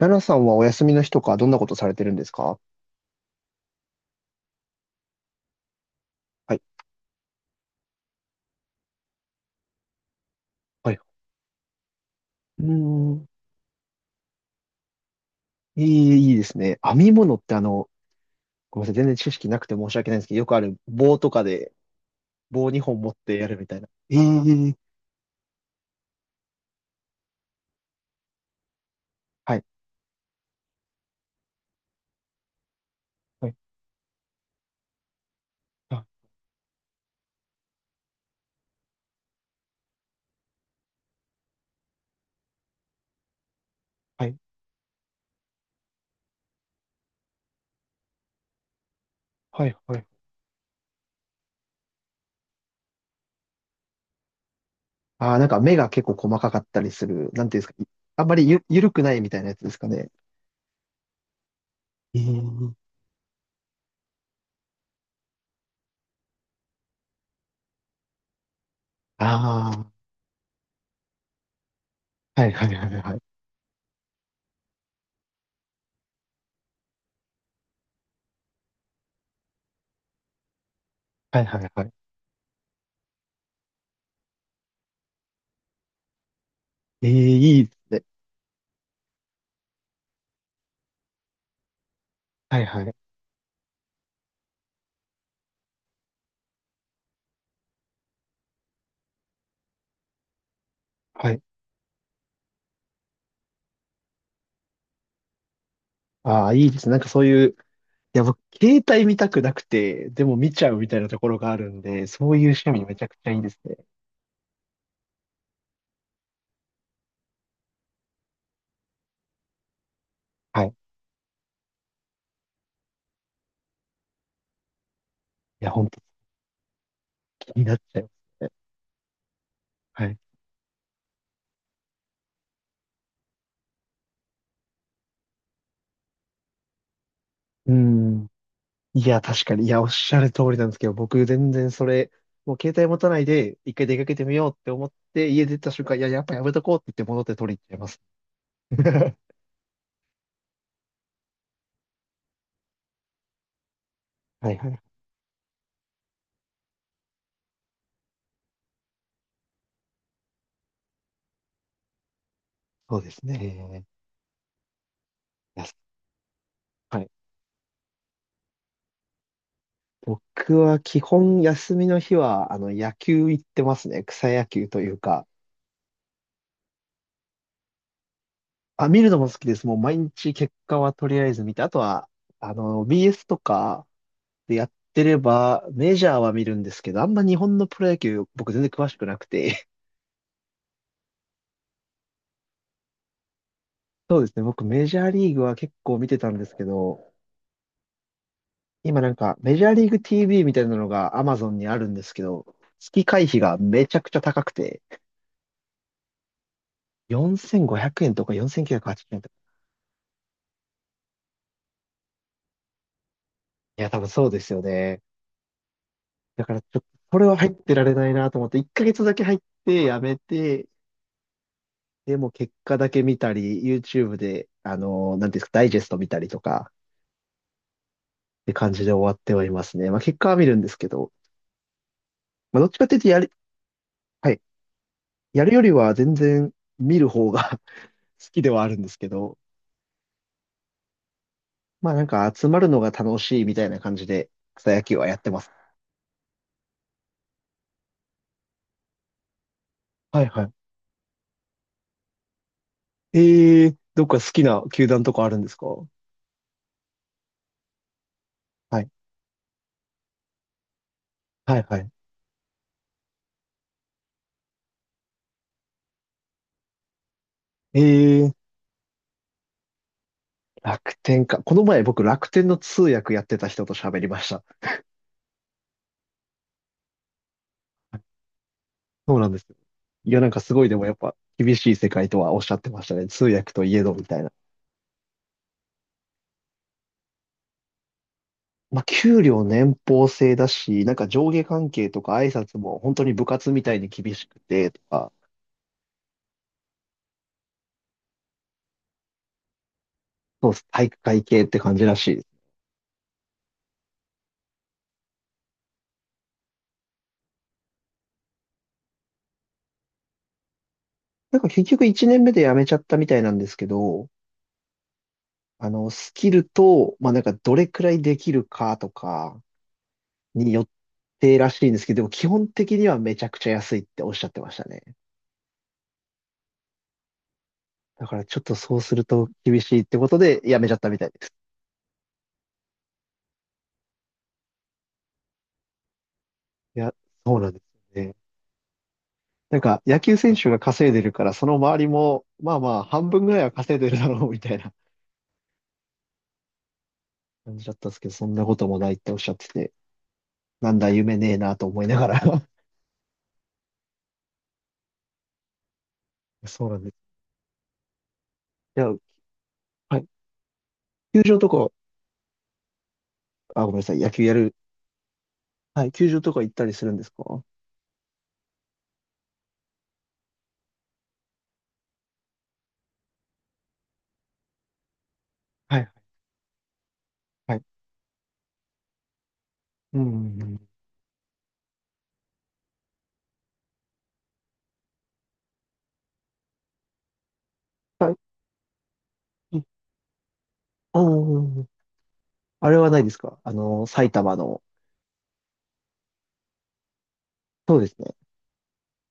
奈良さんはお休みの日とかどんなことされてるんですか？はい。はい。うーん。いいですね。編み物ってごめんなさい。全然知識なくて申し訳ないんですけど、よくある棒とかで棒2本持ってやるみたいな。ええ。はい。はい。あ、はい。はい。はい。ああ、なんか目が結構細かかったりする。なんていうんですか？あんまりゆるくないみたいなやつですかね。ええ。ああー、はいはいはいはい。はいはいはい。ええ、いいですね。はいはい。はい。ああ、いいですね。なんかそういう、いや、僕、携帯見たくなくて、でも見ちゃうみたいなところがあるんで、そういう趣味めちゃくちゃいいですね。はい。いや、ほんと気になっちゃいますね。はい。うん。いや、確かに。いや、おっしゃる通りなんですけど、僕、全然それ、もう携帯持たないで、一回出かけてみようって思って、家出た瞬間、いや、やっぱやめとこうって言って戻って取りに行っちゃいます。はいはい。そうですね。いや、はい。僕は基本休みの日は、野球行ってますね。草野球というか。あ、見るのも好きです。もう毎日結果はとりあえず見て、あとは、BS とかでやってれば、メジャーは見るんですけど、あんま日本のプロ野球、僕全然詳しくなくて。そうですね、僕メジャーリーグは結構見てたんですけど、今なんかメジャーリーグ TV みたいなのが Amazon にあるんですけど、月会費がめちゃくちゃ高くて、4500円とか4980円とか。いや、多分そうですよね。だからちょっと、これは入ってられないなと思って、1ヶ月だけ入ってやめて、でも結果だけ見たり、YouTube で、なんていうんですか、ダイジェスト見たりとか、って感じで終わってはいますね。まあ結果は見るんですけど、まあどっちかっていうとやる、はい、やるよりは全然見る方が 好きではあるんですけど、まあなんか集まるのが楽しいみたいな感じで草野球はやってます。はいはい。どっか好きな球団とかあるんですか？はい。はいはい。えー、楽天か。この前僕楽天の通訳やってた人と喋りました。そうなんですよ。いや、なんかすごい、でもやっぱ厳しい世界とはおっしゃってましたね。通訳といえどみたいな。まあ、給料年俸制だし、なんか上下関係とか挨拶も本当に部活みたいに厳しくてとか、そうです。体育会系って感じらしいです。なんか結局1年目で辞めちゃったみたいなんですけど、スキルと、まあ、なんかどれくらいできるかとかによってらしいんですけど、でも基本的にはめちゃくちゃ安いっておっしゃってましたね。だからちょっとそうすると厳しいってことで辞めちゃったみたいです。いや、そうなんですよね。なんか、野球選手が稼いでるから、その周りも、まあまあ、半分ぐらいは稼いでるだろう、みたいな 感じだったんですけど、そんなこともないっておっしゃってて、なんだ、夢ねえなと思いながら。そうなんです。いや、はい。球場とか、あ、ごめんなさい、野球やる。はい、球場とか行ったりするんですか？はい、はい。うん、うんうん。はい。うんうんうん。あれはないですか？埼玉の。そうですね。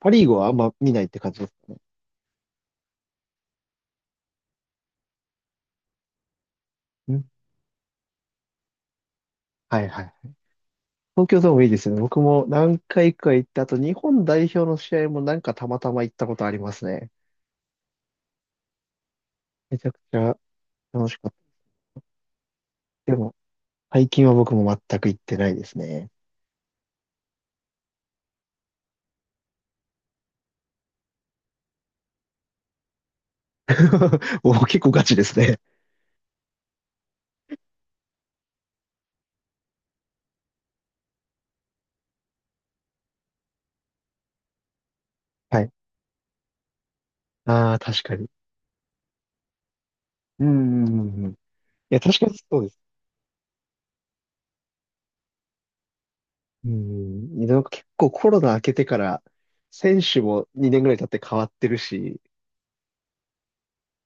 パ・リーグはあんま見ないって感じですかね。うん。はいはい。東京ドームいいですよね。僕も何回か行った後、日本代表の試合もなんかたまたま行ったことありますね。めちゃくちゃ楽しかった。でも、最近は僕も全く行ってないですね。お、結構ガチですね。はい。ああ、確かに。うん、うんうんうん。いや、確かにそうです。うん。なんか結構コロナ明けてから、選手も2年ぐらい経って変わってるし、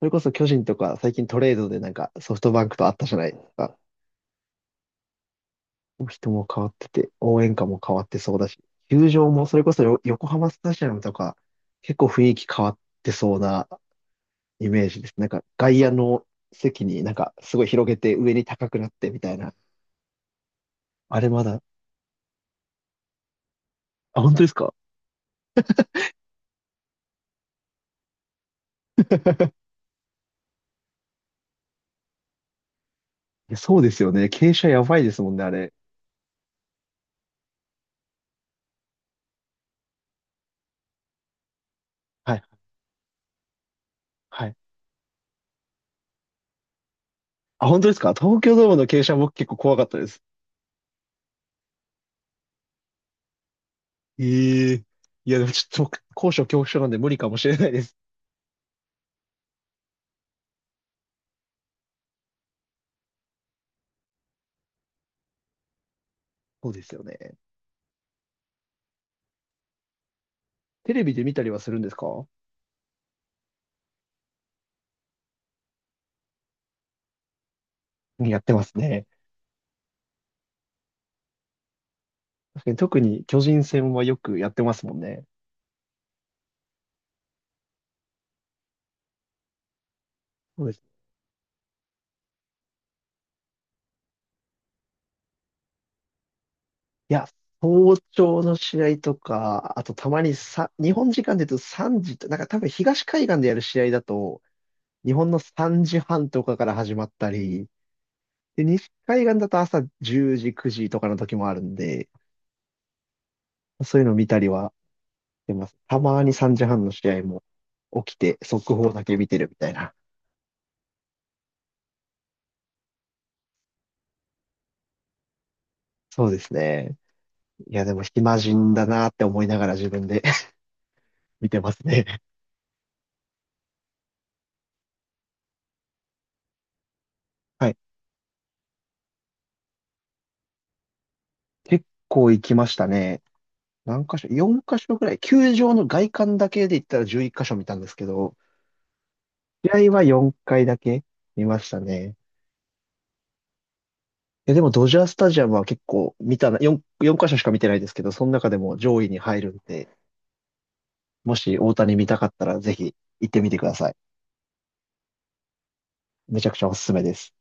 それこそ巨人とか最近トレードでなんかソフトバンクと会ったじゃないですか。人も変わってて、応援歌も変わってそうだし、球場もそれこそ横浜スタジアムとか、結構雰囲気変わってそうなイメージです。なんか外野の席になんかすごい広げて上に高くなってみたいな。あれまだ、あ、本当ですか？いや、そうですよね。傾斜やばいですもんね、あれ。はい、はい。あ、本当ですか？東京ドームの傾斜僕結構怖かったです。ええ。いや、でもちょっと僕、高所恐怖症なんで無理かもしれないです。そうですよね。テレビで見たりはするんですか？やってますね。確かに特に巨人戦はよくやってますもんね。そうです。いや、早朝の試合とか、あとたまにさ、日本時間で言うと3時と、なんか多分東海岸でやる試合だと、日本の3時半とかから始まったり、で、西海岸だと朝10時、9時とかの時もあるんで、そういうの見たりはしてます。たまに3時半の試合も起きて、速報だけ見てるみたいな。そうですね。いや、でも暇人だなって思いながら自分で 見てますね。はい。結構行きましたね。何箇所？ 4 箇所ぐらい。球場の外観だけで言ったら11箇所見たんですけど、試合は4回だけ見ましたね。え、でもドジャースタジアムは結構見たな、4箇所しか見てないですけど、その中でも上位に入るんで、もし大谷見たかったらぜひ行ってみてください。めちゃくちゃおすすめです。